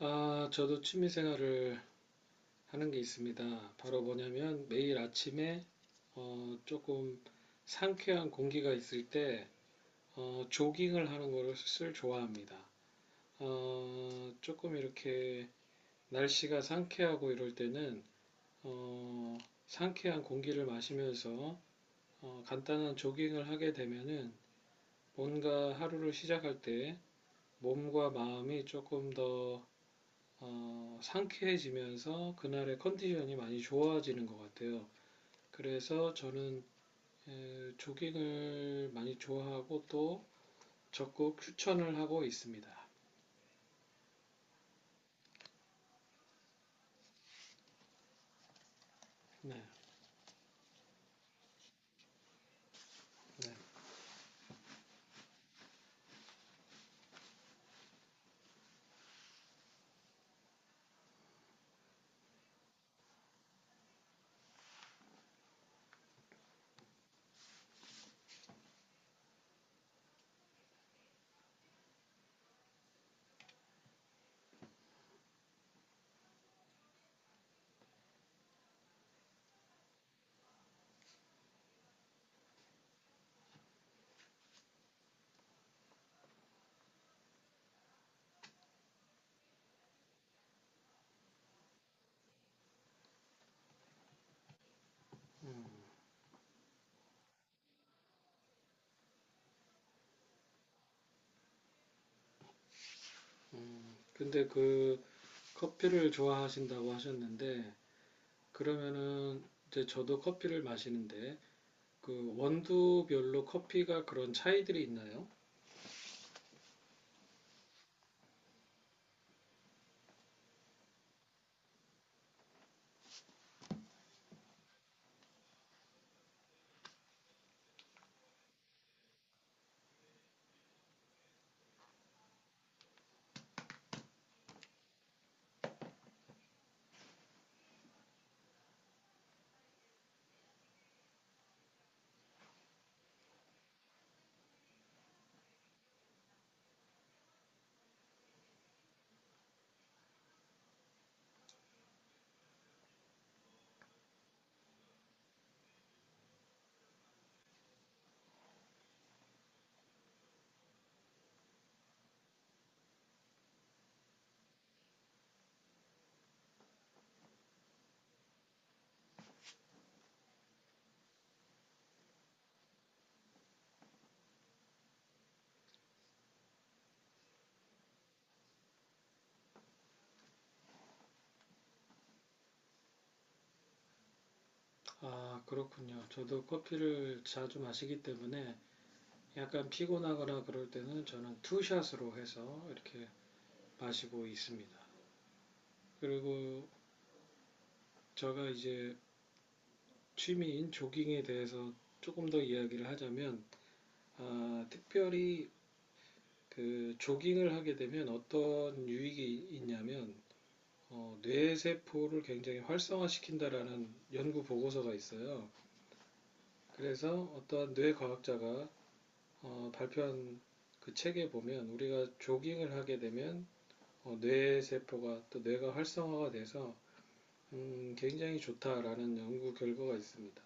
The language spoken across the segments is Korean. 아, 저도 취미 생활을 하는 게 있습니다. 바로 뭐냐면 매일 아침에 조금 상쾌한 공기가 있을 때 조깅을 하는 것을 좋아합니다. 조금 이렇게 날씨가 상쾌하고 이럴 때는 어, 상쾌한 공기를 마시면서 간단한 조깅을 하게 되면은 뭔가 하루를 시작할 때 몸과 마음이 조금 더 상쾌해지면서 그날의 컨디션이 많이 좋아지는 것 같아요. 그래서 저는 조깅을 많이 좋아하고 또 적극 추천을 하고 있습니다. 네, 네. 근데 그 커피를 좋아하신다고 하셨는데 그러면은 이제 저도 커피를 마시는데 그 원두별로 커피가 그런 차이들이 있나요? 아, 그렇군요. 저도 커피를 자주 마시기 때문에 약간 피곤하거나 그럴 때는 저는 투샷으로 해서 이렇게 마시고 있습니다. 그리고 제가 이제 취미인 조깅에 대해서 조금 더 이야기를 하자면 아, 특별히 그 조깅을 하게 되면 어떤 유익이 있냐면 뇌세포를 굉장히 활성화시킨다라는 연구 보고서가 있어요. 그래서 어떤 뇌과학자가 발표한 그 책에 보면 우리가 조깅을 하게 되면 뇌 세포가 또 뇌가 활성화가 돼서 굉장히 좋다라는 연구 결과가 있습니다.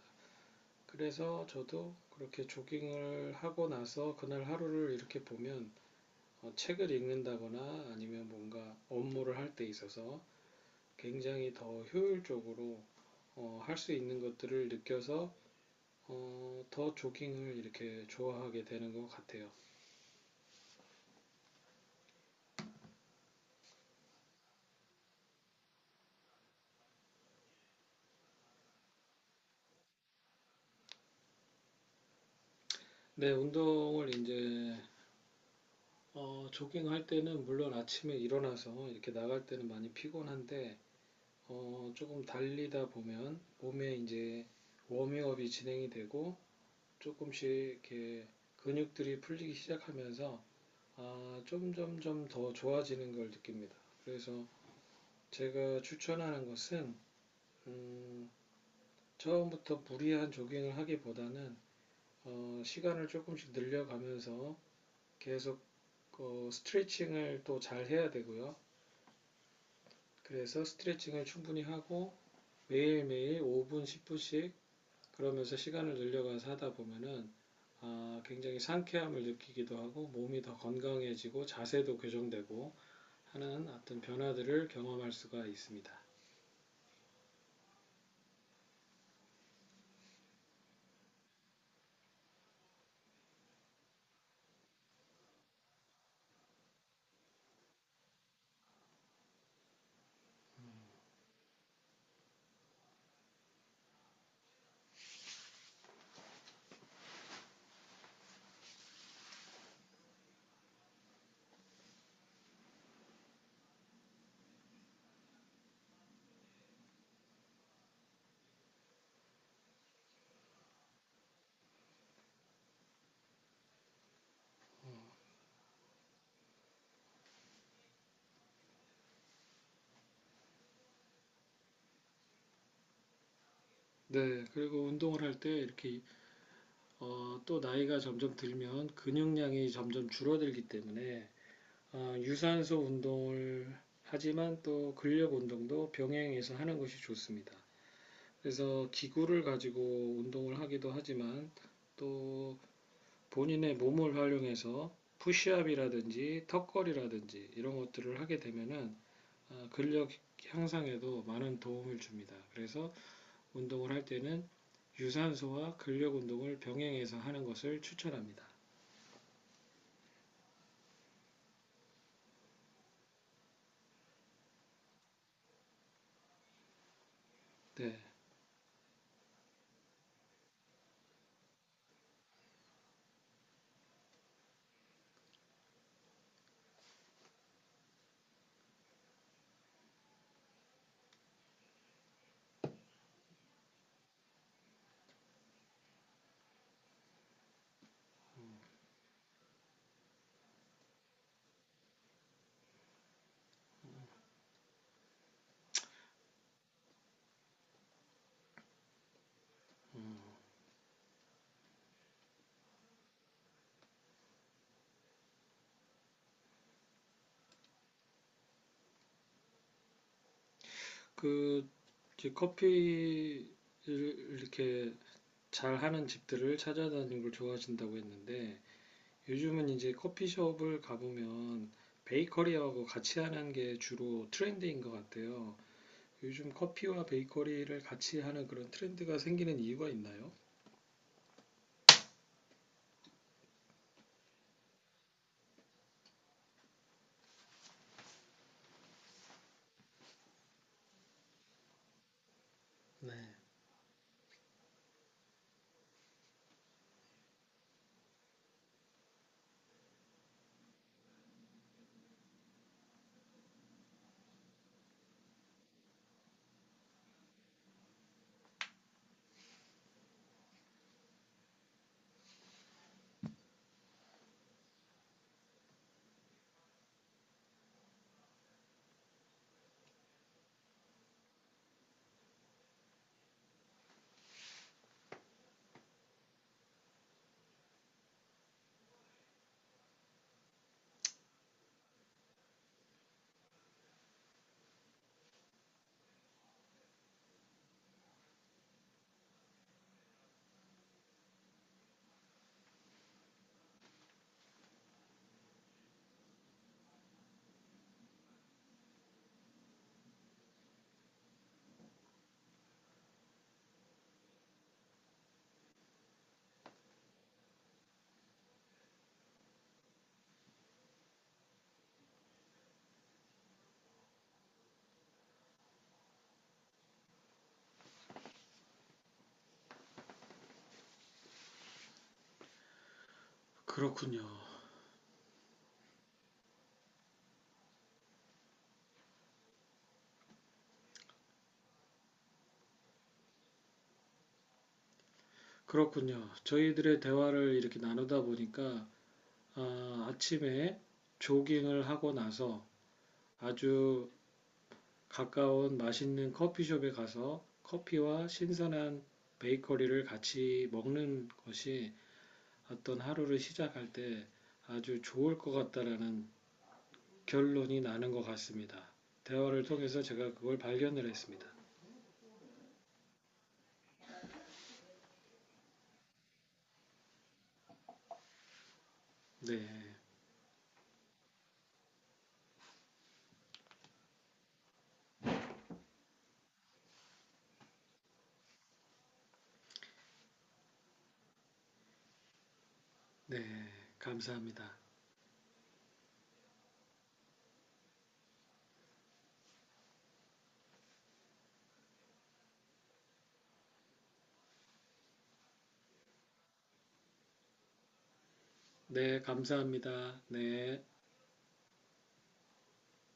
그래서 저도 그렇게 조깅을 하고 나서 그날 하루를 이렇게 보면 책을 읽는다거나 아니면 뭔가 업무를 할 때 있어서 굉장히 더 효율적으로 할 수 있는 것들을 느껴서 더 조깅을 이렇게 좋아하게 되는 것 같아요. 네, 운동을 이제 조깅할 때는 물론 아침에 일어나서 이렇게 나갈 때는 많이 피곤한데, 조금 달리다 보면 몸에 이제 워밍업이 진행이 되고 조금씩 이렇게 근육들이 풀리기 시작하면서 아, 점점점 더 좋아지는 걸 느낍니다. 그래서 제가 추천하는 것은 음, 처음부터 무리한 조깅을 하기보다는 시간을 조금씩 늘려가면서 계속 스트레칭을 또 잘 해야 되고요. 그래서 스트레칭을 충분히 하고 매일매일 5분, 10분씩 그러면서 시간을 늘려가서 하다 보면은 아, 굉장히 상쾌함을 느끼기도 하고 몸이 더 건강해지고 자세도 교정되고 하는 어떤 변화들을 경험할 수가 있습니다. 네, 그리고 운동을 할 때 이렇게 또 나이가 점점 들면 근육량이 점점 줄어들기 때문에 유산소 운동을 하지만 또 근력 운동도 병행해서 하는 것이 좋습니다. 그래서 기구를 가지고 운동을 하기도 하지만 또 본인의 몸을 활용해서 푸시업이라든지 턱걸이라든지 이런 것들을 하게 되면은 아, 근력 향상에도 많은 도움을 줍니다. 그래서 운동을 할 때는 유산소와 근력 운동을 병행해서 하는 것을 추천합니다. 네, 그 커피를 이렇게 잘 하는 집들을 찾아다니는 걸 좋아하신다고 했는데 요즘은 이제 커피숍을 가보면 베이커리하고 같이 하는 게 주로 트렌드인 것 같아요. 요즘 커피와 베이커리를 같이 하는 그런 트렌드가 생기는 이유가 있나요? 네. 그렇군요. 그렇군요. 저희들의 대화를 이렇게 나누다 보니까 아, 아침에 조깅을 하고 나서 아주 가까운 맛있는 커피숍에 가서 커피와 신선한 베이커리를 같이 먹는 것이 어떤 하루를 시작할 때 아주 좋을 것 같다라는 결론이 나는 것 같습니다. 대화를 통해서 제가 그걸 발견을 했습니다. 네, 네, 감사합니다. 네, 감사합니다. 네.